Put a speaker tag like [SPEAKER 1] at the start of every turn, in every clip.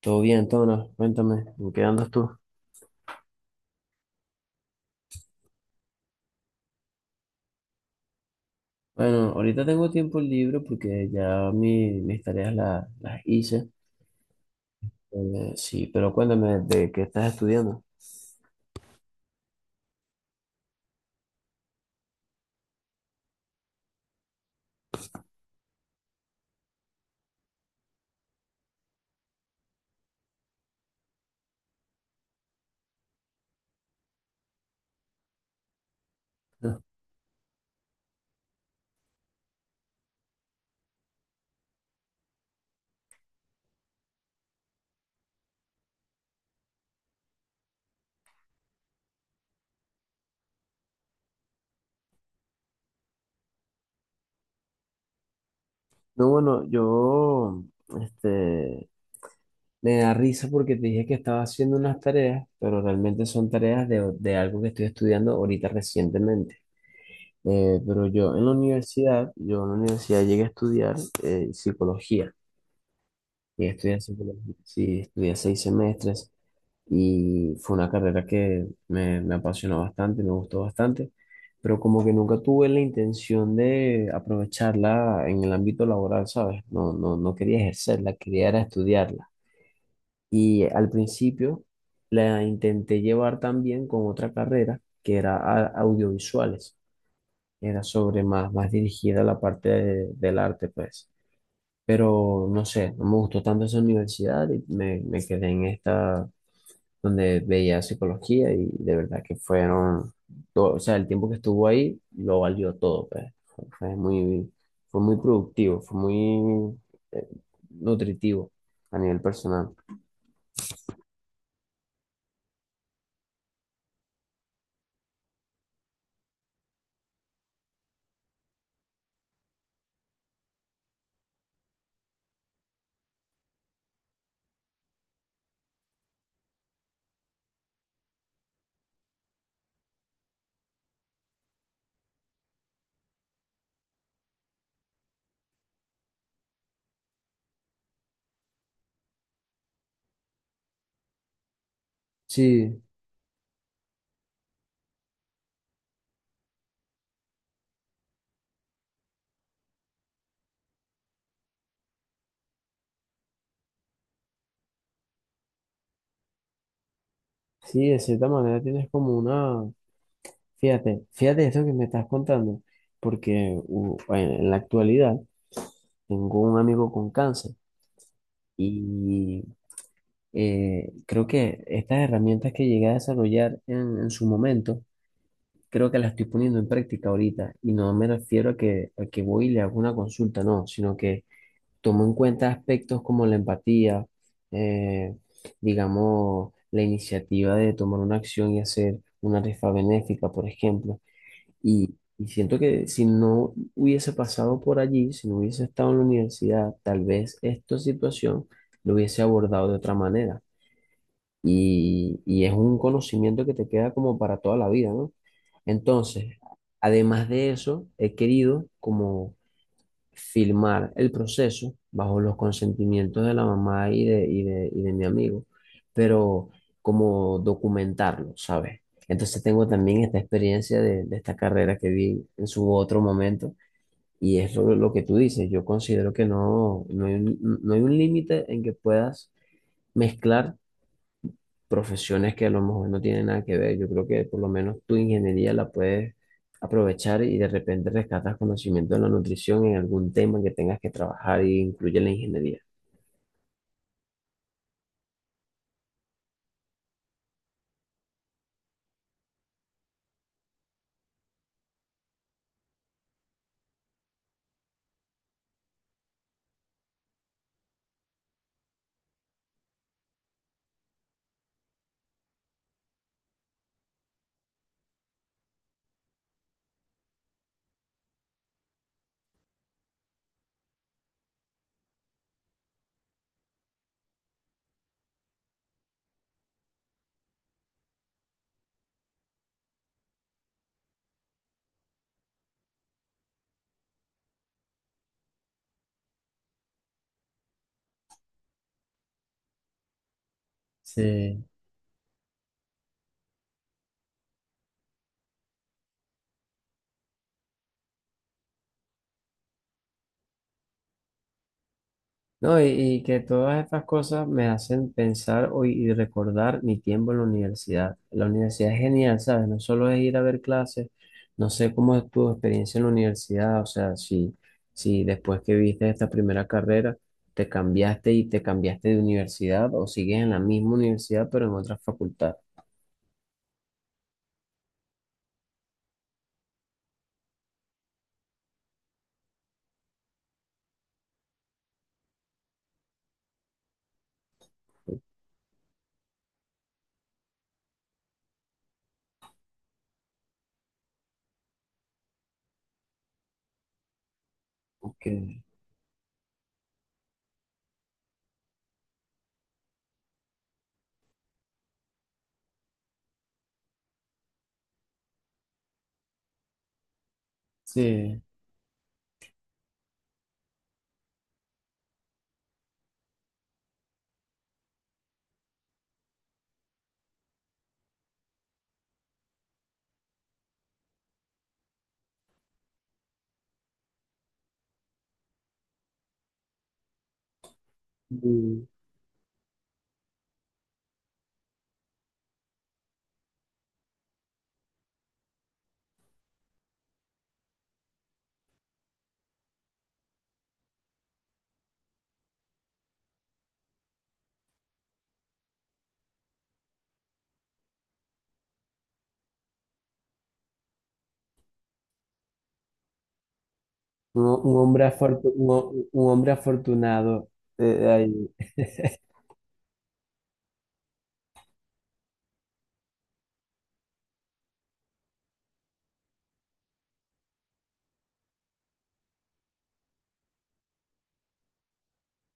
[SPEAKER 1] Todo bien, Tona, cuéntame, ¿en qué andas tú? Bueno, ahorita tengo tiempo libre porque ya mis tareas las hice. Sí, pero cuéntame, ¿de qué estás estudiando? Ah, no, bueno, yo, este, me da risa porque te dije que estaba haciendo unas tareas, pero realmente son tareas de algo que estoy estudiando ahorita recientemente. Pero yo en la universidad llegué a estudiar psicología, y estudié psicología, sí, estudié 6 semestres, y fue una carrera que me apasionó bastante, me gustó bastante, pero como que nunca tuve la intención de aprovecharla en el ámbito laboral, ¿sabes? No, no quería ejercerla, quería era estudiarla. Y al principio la intenté llevar también con otra carrera que era audiovisuales, era sobre más, más dirigida a la parte del arte, pues. Pero no sé, no me gustó tanto esa universidad y me quedé en esta donde veía psicología y de verdad que fueron, todo, o sea, el tiempo que estuvo ahí lo valió todo, pues. Fue muy, fue muy productivo, fue muy eh, nutritivo a nivel personal. Sí, sí, de cierta manera tienes como una, fíjate, fíjate eso que me estás contando, porque en la actualidad tengo un amigo con cáncer y creo que estas herramientas que llegué a desarrollar en su momento, creo que las estoy poniendo en práctica ahorita y no me refiero a que voy y le hago una consulta, no, sino que tomo en cuenta aspectos como la empatía, eh, digamos, la iniciativa de tomar una acción y hacer una rifa benéfica, por ejemplo, y siento que si no hubiese pasado por allí, si no hubiese estado en la universidad, tal vez esta situación lo hubiese abordado de otra manera y es un conocimiento que te queda como para toda la vida, ¿no? Entonces, además de eso, he querido como filmar el proceso bajo los consentimientos de la mamá y de mi amigo, pero como documentarlo, ¿sabes? Entonces tengo también esta experiencia de esta carrera que vi en su otro momento. Y es lo que tú dices, yo considero que no, no hay un, no hay un límite en que puedas mezclar profesiones que a lo mejor no tienen nada que ver. Yo creo que por lo menos tu ingeniería la puedes aprovechar y de repente rescatas conocimiento de la nutrición en algún tema que tengas que trabajar y incluye la ingeniería. Sí. No, y que todas estas cosas me hacen pensar hoy y recordar mi tiempo en la universidad. La universidad es genial, ¿sabes? No solo es ir a ver clases, no sé cómo es tu experiencia en la universidad, o sea, si, si después que viste esta primera carrera te cambiaste y te cambiaste de universidad o sigues en la misma universidad pero en otra facultad. Que- Sí. Un, un hombre afortunado ahí.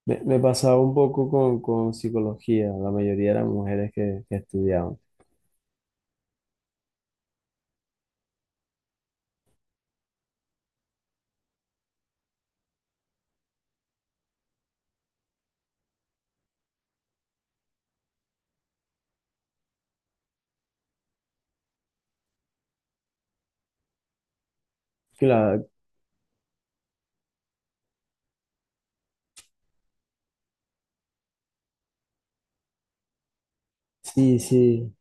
[SPEAKER 1] Me pasaba un poco con psicología, la mayoría eran mujeres que estudiaban. Claro, sí, sí,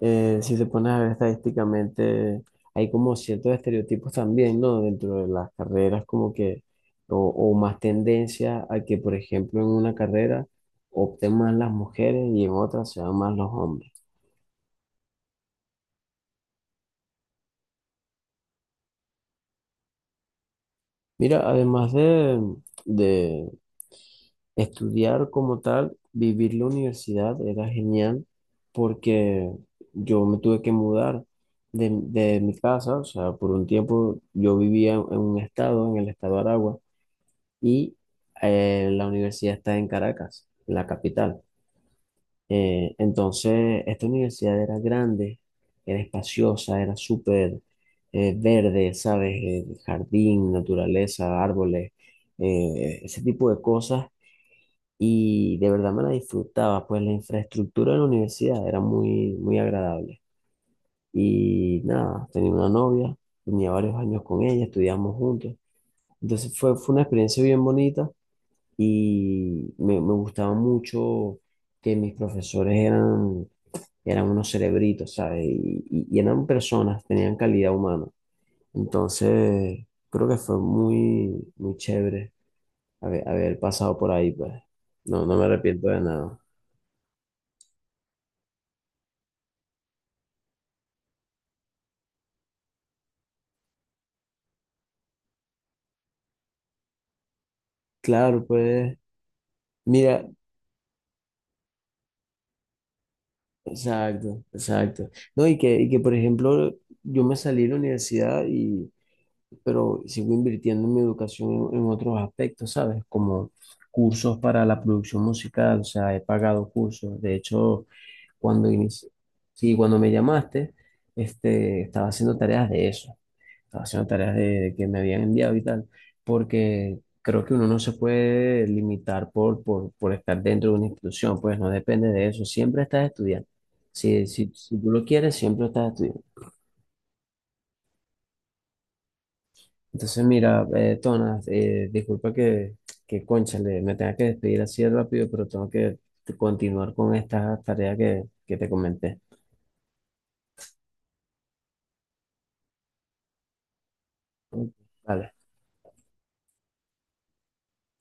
[SPEAKER 1] si te pones a ver estadísticamente, hay como ciertos estereotipos también, ¿no? Dentro de las carreras, como que, o más tendencia a que, por ejemplo, en una carrera opten más las mujeres y en otra sean más los hombres. Mira, además de, estudiar como tal, vivir la universidad era genial porque yo me tuve que mudar de mi casa, o sea, por un tiempo yo vivía en un estado, en el estado de Aragua, y la universidad está en Caracas, la capital. Entonces, esta universidad era grande, era espaciosa, era súper verde, ¿sabes? Jardín, naturaleza, árboles, ese tipo de cosas y de verdad me la disfrutaba, pues la infraestructura de la universidad era muy, muy agradable. Y nada, tenía una novia, tenía varios años con ella, estudiamos juntos. Entonces fue una experiencia bien bonita y me gustaba mucho que mis profesores eran, eran unos cerebritos, ¿sabes? Y eran personas, tenían calidad humana. Entonces creo que fue muy, muy chévere haber, haber pasado por ahí, pues. No, no me arrepiento de nada. Claro, pues, mira, exacto, exacto. No, y que, por ejemplo, yo me salí de la universidad y, pero sigo invirtiendo en mi educación en otros aspectos, ¿sabes? Como cursos para la producción musical, o sea, he pagado cursos. De hecho, cuando inicié, sí, cuando me llamaste, estaba haciendo tareas de eso. Estaba haciendo tareas de que me habían enviado y tal, porque creo que uno no se puede limitar por estar dentro de una institución, pues no depende de eso, siempre estás estudiando. Si, si, si tú lo quieres, siempre estás estudiando. Entonces, mira, Tonas, disculpa que, cónchale, me tenga que despedir así de rápido, pero tengo que continuar con esta tarea que te comenté. Ok, vale.